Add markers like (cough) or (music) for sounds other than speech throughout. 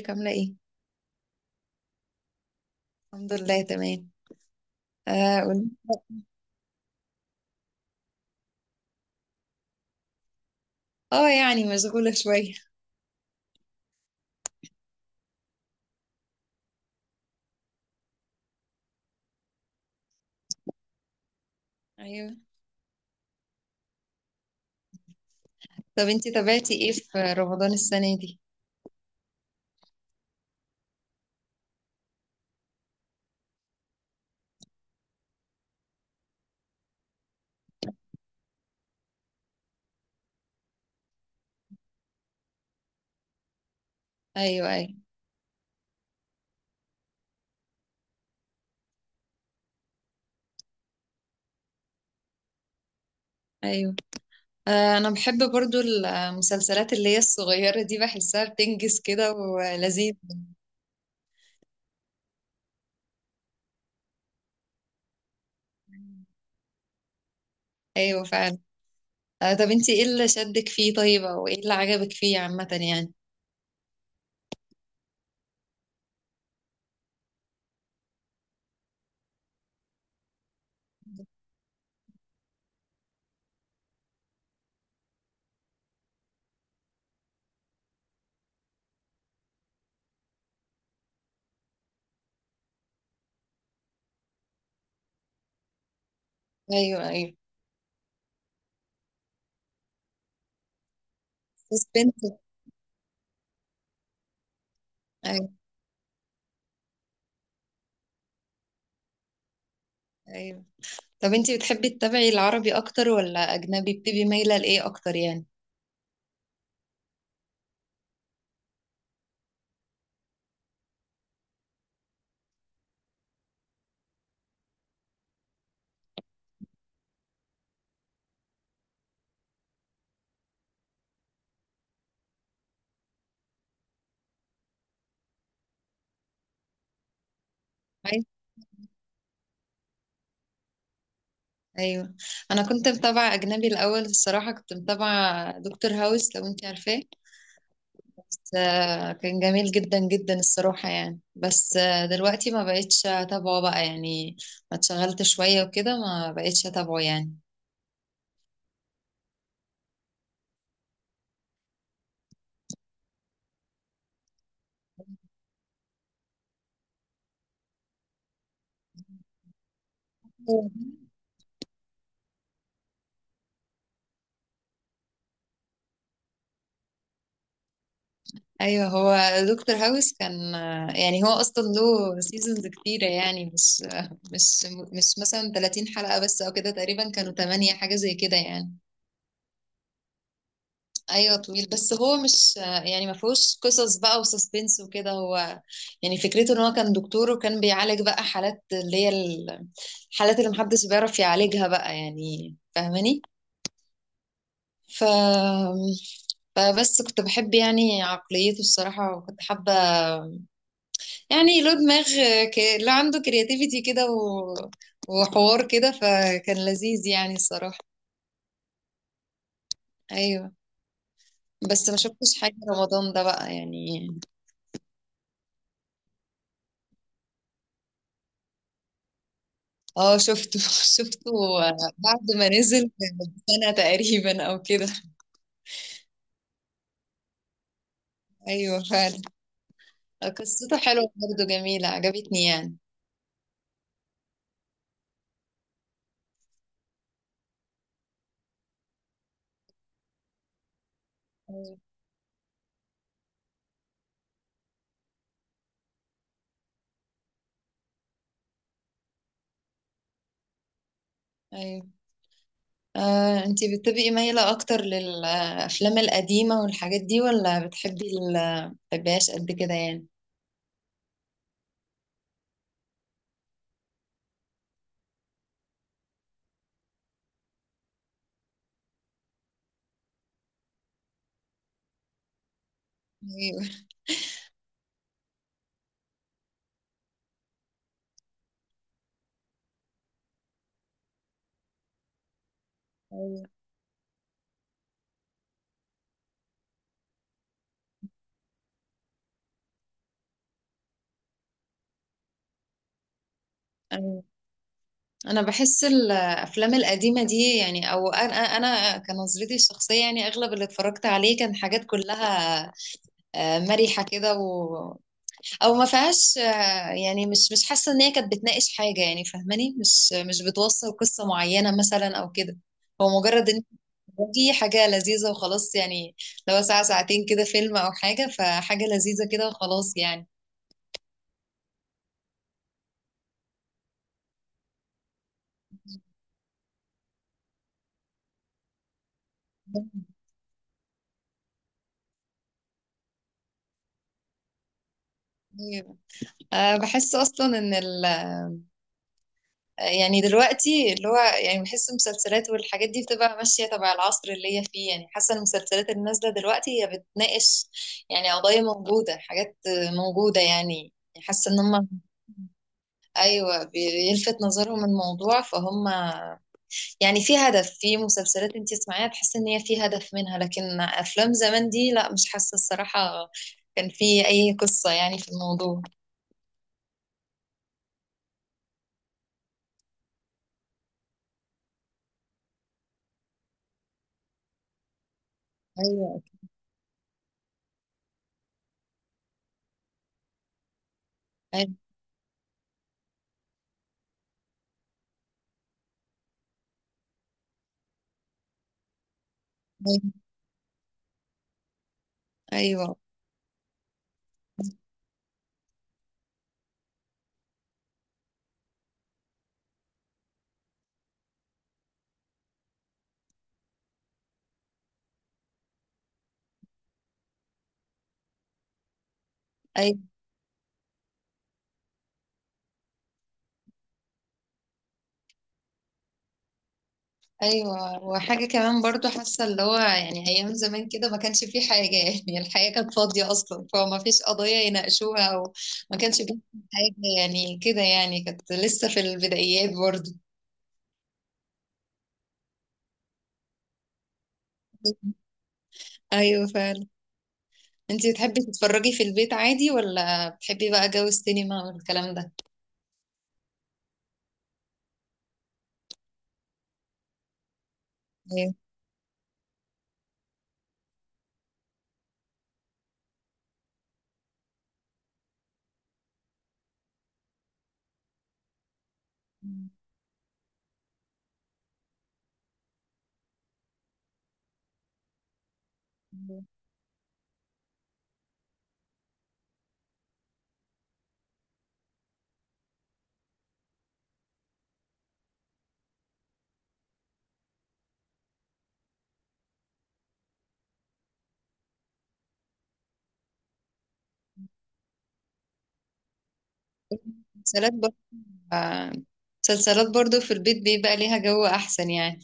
ازيك عاملة ايه؟ الحمد لله تمام. اه، اه، يعني مشغولة شوية. ايوه. طب انتي تابعتي ايه في رمضان السنة دي؟ ايوه، ايوه. ايوه، انا بحب برضو المسلسلات اللي هي الصغيرة دي، بحسها بتنجز كده ولذيذ. ايوه فعلا. طب انتي ايه اللي شدك فيه طيب، او ايه اللي عجبك فيه عامة يعني؟ ايوه، ايوه. سسبنس. ايوه، ايوه. طب انتي بتحبي تتابعي العربي اكتر ولا اجنبي؟ بتبقي مايلة لايه اكتر يعني؟ ايوه. انا كنت متابعه اجنبي الاول الصراحه، كنت متابعه دكتور هاوس لو انت عارفاه. بس كان جميل جدا جدا الصراحه يعني، بس دلوقتي ما بقتش اتابعه بقى يعني. ما اتشغلت شويه وكده، ما بقتش اتابعه يعني. أوه. ايوه، هو دكتور هاوس كان يعني هو اصلا له سيزونز كتيره يعني، مش آه، مش مش مثلا 30 حلقه بس، او كده تقريبا كانوا 8 حاجه زي كده يعني. ايوه طويل، بس هو مش، يعني ما فيهوش قصص بقى وسسبنس وكده. هو يعني فكرته ان هو كان دكتور، وكان بيعالج بقى حالات اللي هي الحالات اللي محدش بيعرف يعالجها بقى، يعني فاهماني. ف فبس كنت بحب يعني عقليته الصراحة، وكنت حابة، يعني له دماغ، ك... له، عنده كرياتيفيتي كده، وحوار كده، فكان لذيذ يعني الصراحة. ايوه، بس ما شفتش حاجة رمضان ده بقى يعني. اه، شفته (laughs) شفته بعد ما نزل سنة تقريبا او كده. ايوه فعلا. قصته حلوة برضه، جميلة عجبتني يعني. ايوه، ايوه. انتي بتبقي مايلة اكتر للافلام القديمة والحاجات دي، ولا بتحبي بتحبيهاش قد كده يعني؟ ايوه، ايوه، ايوه. انا بحس الافلام القديمه دي يعني، او انا كنظرتي الشخصيه يعني، اغلب اللي اتفرجت عليه كان حاجات كلها مرحه كده، او ما فيهاش، يعني مش حاسه ان هي كانت بتناقش حاجه، يعني فاهماني، مش بتوصل قصه معينه مثلا او كده. هو مجرد ان دي حاجه لذيذه وخلاص يعني. لو ساعه ساعتين كده فيلم او حاجه، فحاجه لذيذه كده وخلاص يعني. أيوة. أه، بحس اصلا ان يعني دلوقتي اللي هو، يعني بحس المسلسلات والحاجات دي بتبقى ماشيه تبع العصر اللي هي فيه، يعني حاسه المسلسلات اللي نازله دلوقتي هي بتناقش يعني قضايا موجوده، حاجات موجوده يعني. حاسه ان هم، ايوه بيلفت نظرهم الموضوع، فهم يعني في هدف. في مسلسلات انت تسمعيها تحس ان هي في هدف منها، لكن افلام زمان دي لا، مش حاسه الصراحه كان في اي قصه يعني في الموضوع. ايوه، ايوه، ايوه، ايوه، ايوه. وحاجه كمان برضو، حاسه اللي هو يعني ايام زمان كده ما كانش في حاجه، يعني الحياه كانت فاضيه اصلا، فما فيش قضايا يناقشوها، او ما كانش في حاجه، يعني كده يعني كانت لسه في البدايات برضو. ايوه فعلا. انتي بتحبي تتفرجي في البيت عادي، ولا بتحبي بقى جو السينما والكلام ده؟ ايوه. مسلسلات برضه، آه، مسلسلات برضه في البيت بيبقى ليها جو احسن يعني.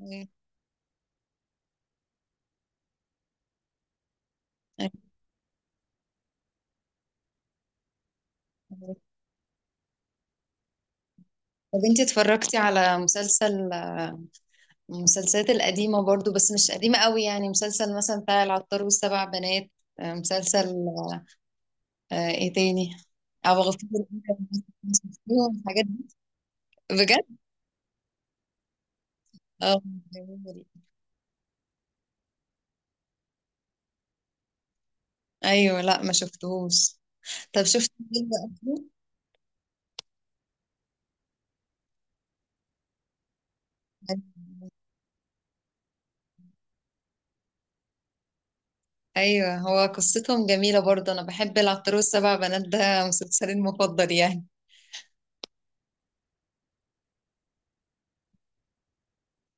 أيوة. أيوة. طب انتي اتفرجتي على مسلسل، المسلسلات القديمة برضه بس مش قديمة قوي، يعني مسلسل مثلا بتاع العطار والسبع بنات، مسلسل ايه تاني؟ او غفور، الحاجات دي. بجد. اه. جميل. ايوه، لا ما شفتهوش. طب شفت الفيلم أصله؟ أيوه، هو قصتهم جميلة برضه. أنا بحب العطار والسبع بنات، ده مسلسلي المفضل يعني.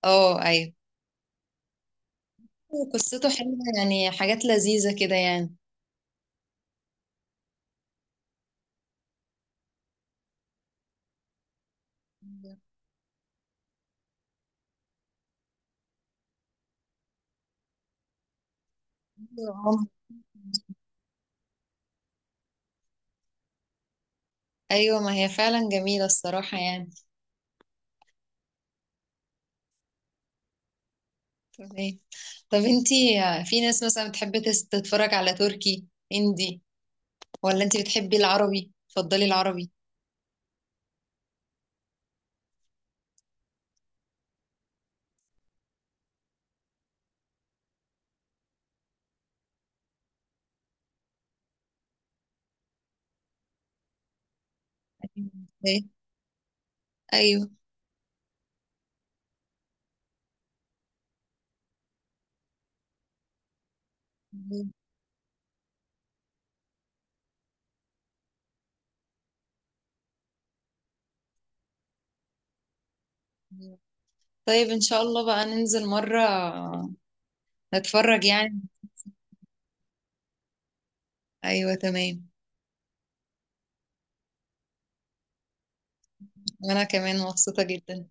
اه أيوه. قصته حلوة، يعني حاجات لذيذة كده يعني. عمر. أيوه، ما هي فعلا جميلة الصراحة يعني. تمام. طب انتي، في ناس مثلا بتحب تتفرج على تركي، هندي، ولا انتي بتحبي العربي، تفضلي العربي؟ ايه. أيوه. طيب إن شاء الله بقى ننزل مرة، نتفرج يعني. ايوه تمام. وانا كمان مبسوطة جدا.